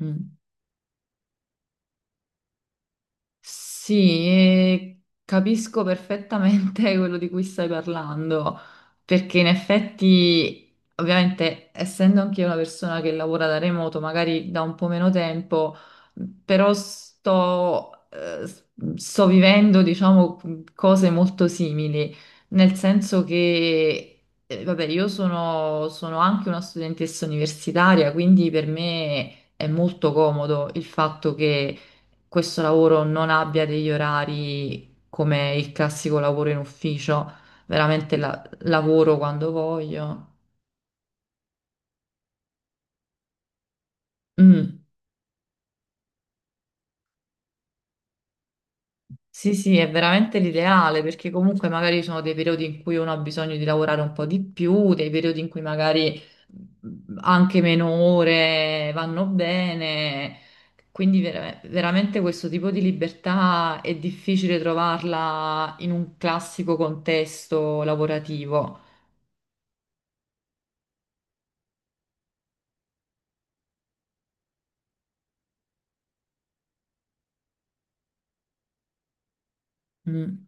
Mm. Sì, e capisco perfettamente quello di cui stai parlando, perché in effetti, ovviamente, essendo anche io una persona che lavora da remoto, magari da un po' meno tempo, però sto, sto vivendo, diciamo, cose molto simili, nel senso che, vabbè, io sono anche una studentessa universitaria, quindi per me è molto comodo il fatto che questo lavoro non abbia degli orari come il classico lavoro in ufficio, veramente lavoro quando voglio. Mm. Sì, sì, è veramente l'ideale perché comunque magari ci sono dei periodi in cui uno ha bisogno di lavorare un po' di più, dei periodi in cui magari anche meno ore vanno bene. Quindi veramente questo tipo di libertà è difficile trovarla in un classico contesto lavorativo. Mm.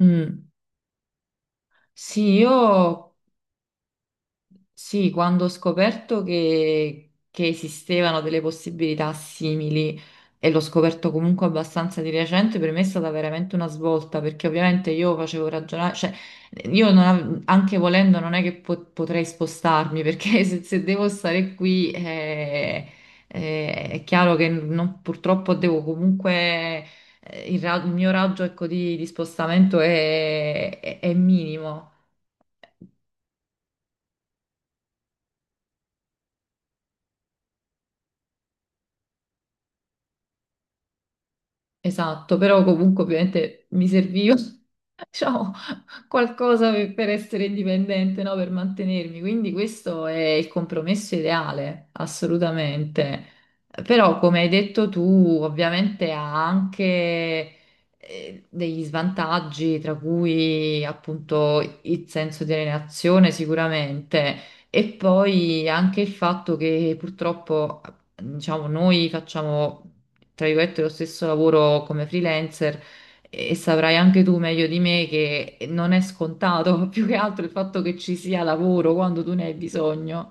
Mm. Sì, io sì, quando ho scoperto che esistevano delle possibilità simili e l'ho scoperto comunque abbastanza di recente, per me è stata veramente una svolta perché ovviamente io facevo ragionare, cioè io non av- anche volendo non è che potrei spostarmi perché se devo stare qui è chiaro che purtroppo devo comunque il, il mio raggio ecco, di spostamento è minimo. Esatto, però comunque ovviamente mi serviva, diciamo, qualcosa per essere indipendente, no? Per mantenermi. Quindi questo è il compromesso ideale, assolutamente. Però, come hai detto tu, ovviamente ha anche degli svantaggi, tra cui appunto il senso di alienazione sicuramente, e poi anche il fatto che purtroppo, diciamo, noi facciamo tra virgolette, lo stesso lavoro come freelancer e saprai anche tu meglio di me che non è scontato, più che altro il fatto che ci sia lavoro quando tu ne hai bisogno.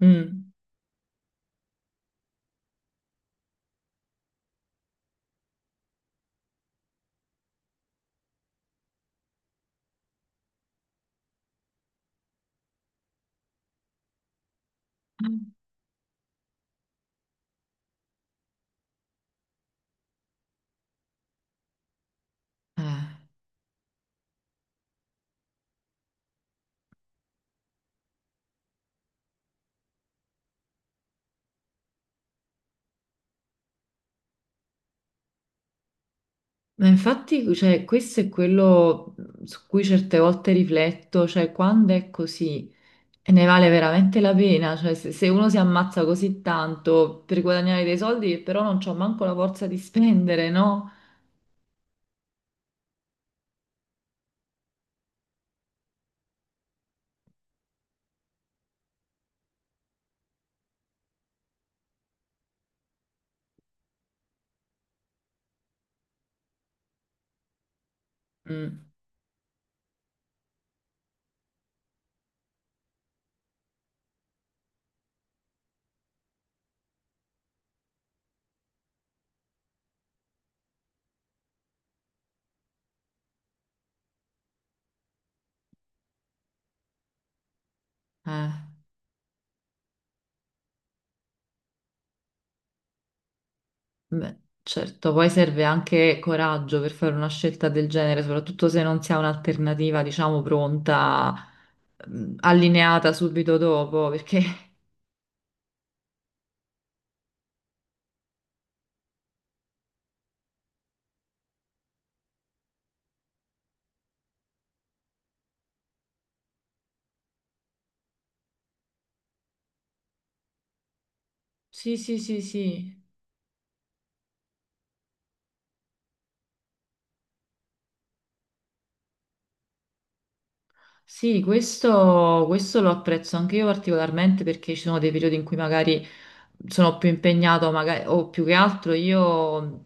Mm. Eh, ma infatti, cioè, questo è quello su cui certe volte rifletto, cioè quando è così e ne vale veramente la pena, cioè se uno si ammazza così tanto per guadagnare dei soldi che però non c'ho manco la forza di spendere, no? Mm, eh. Beh, certo, poi serve anche coraggio per fare una scelta del genere, soprattutto se non si ha un'alternativa, diciamo, pronta, allineata subito dopo, perché sì, sì, sì, sì. Sì, questo lo apprezzo anche io particolarmente perché ci sono dei periodi in cui magari sono più impegnato magari, o più che altro io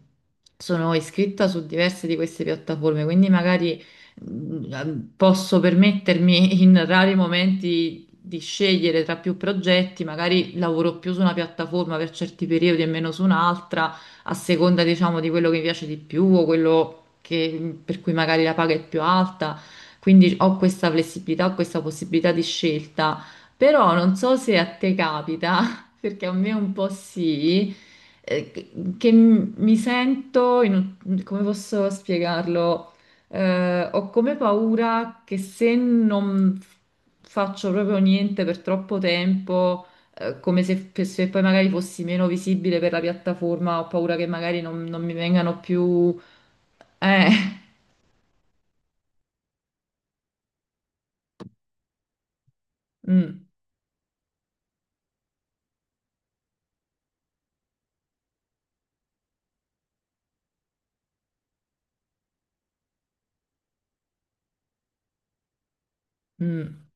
sono iscritta su diverse di queste piattaforme, quindi magari posso permettermi in rari momenti di scegliere tra più progetti, magari lavoro più su una piattaforma per certi periodi e meno su un'altra, a seconda, diciamo, di quello che mi piace di più o quello per cui magari la paga è più alta. Quindi ho questa flessibilità, ho questa possibilità di scelta. Però non so se a te capita perché a me un po' sì, che, mi sento, in come posso spiegarlo? Ho come paura che se non f- faccio proprio niente per troppo tempo, come se poi magari fossi meno visibile per la piattaforma, ho paura che magari non mi vengano più... Eh, mm, mm.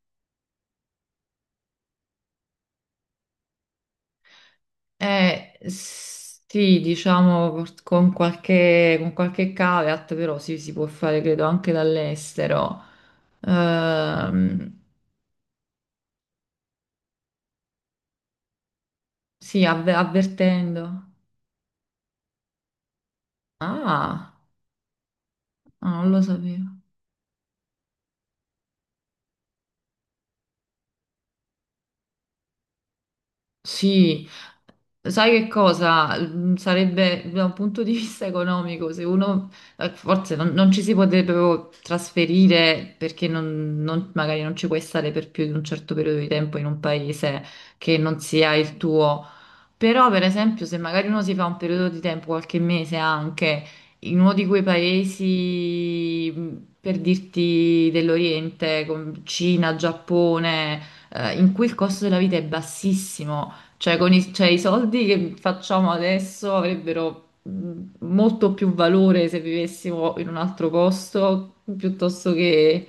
Sì, diciamo con qualche caveat, però sì, si può fare credo anche dall'estero. Ehm, sì, avvertendo. Ah, ah, non lo sapevo. Sì, sai che cosa? Mm, sarebbe da un punto di vista economico, se uno forse non ci si potrebbe proprio trasferire perché magari non ci puoi stare per più di un certo periodo di tempo in un paese che non sia il tuo. Però, per esempio, se magari uno si fa un periodo di tempo, qualche mese anche, in uno di quei paesi, per dirti dell'Oriente, con Cina, Giappone, in cui il costo della vita è bassissimo, cioè con cioè, i soldi che facciamo adesso avrebbero molto più valore se vivessimo in un altro posto piuttosto che...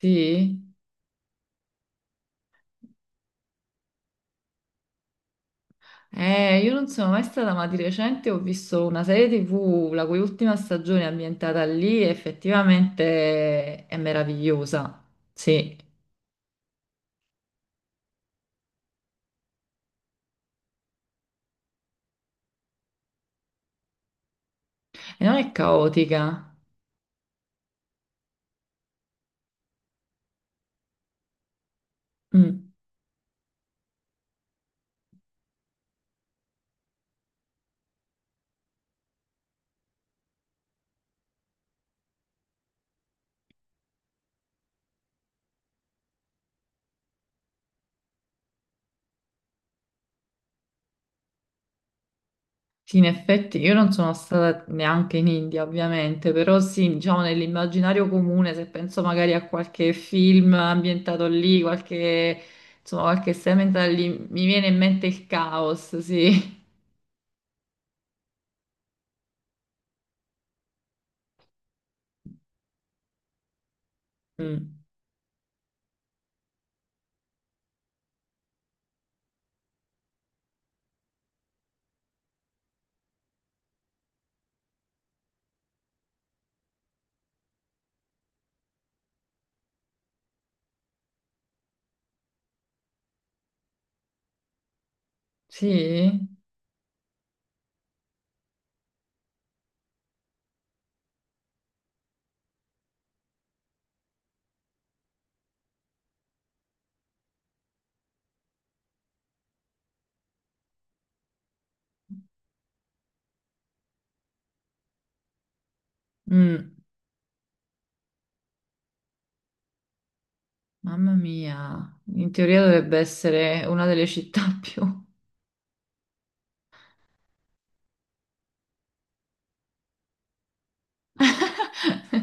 Sì. Io non sono mai stata, ma di recente ho visto una serie TV, la cui ultima stagione è ambientata lì, e effettivamente è meravigliosa. Sì, e non è caotica. Mm. Sì, in effetti io non sono stata neanche in India, ovviamente, però sì, diciamo nell'immaginario comune, se penso magari a qualche film ambientato lì, qualche, insomma, qualche serie ambientata lì, mi viene in mente il caos, sì. Mm. Sì? Mm. Mamma mia, in teoria dovrebbe essere una delle città più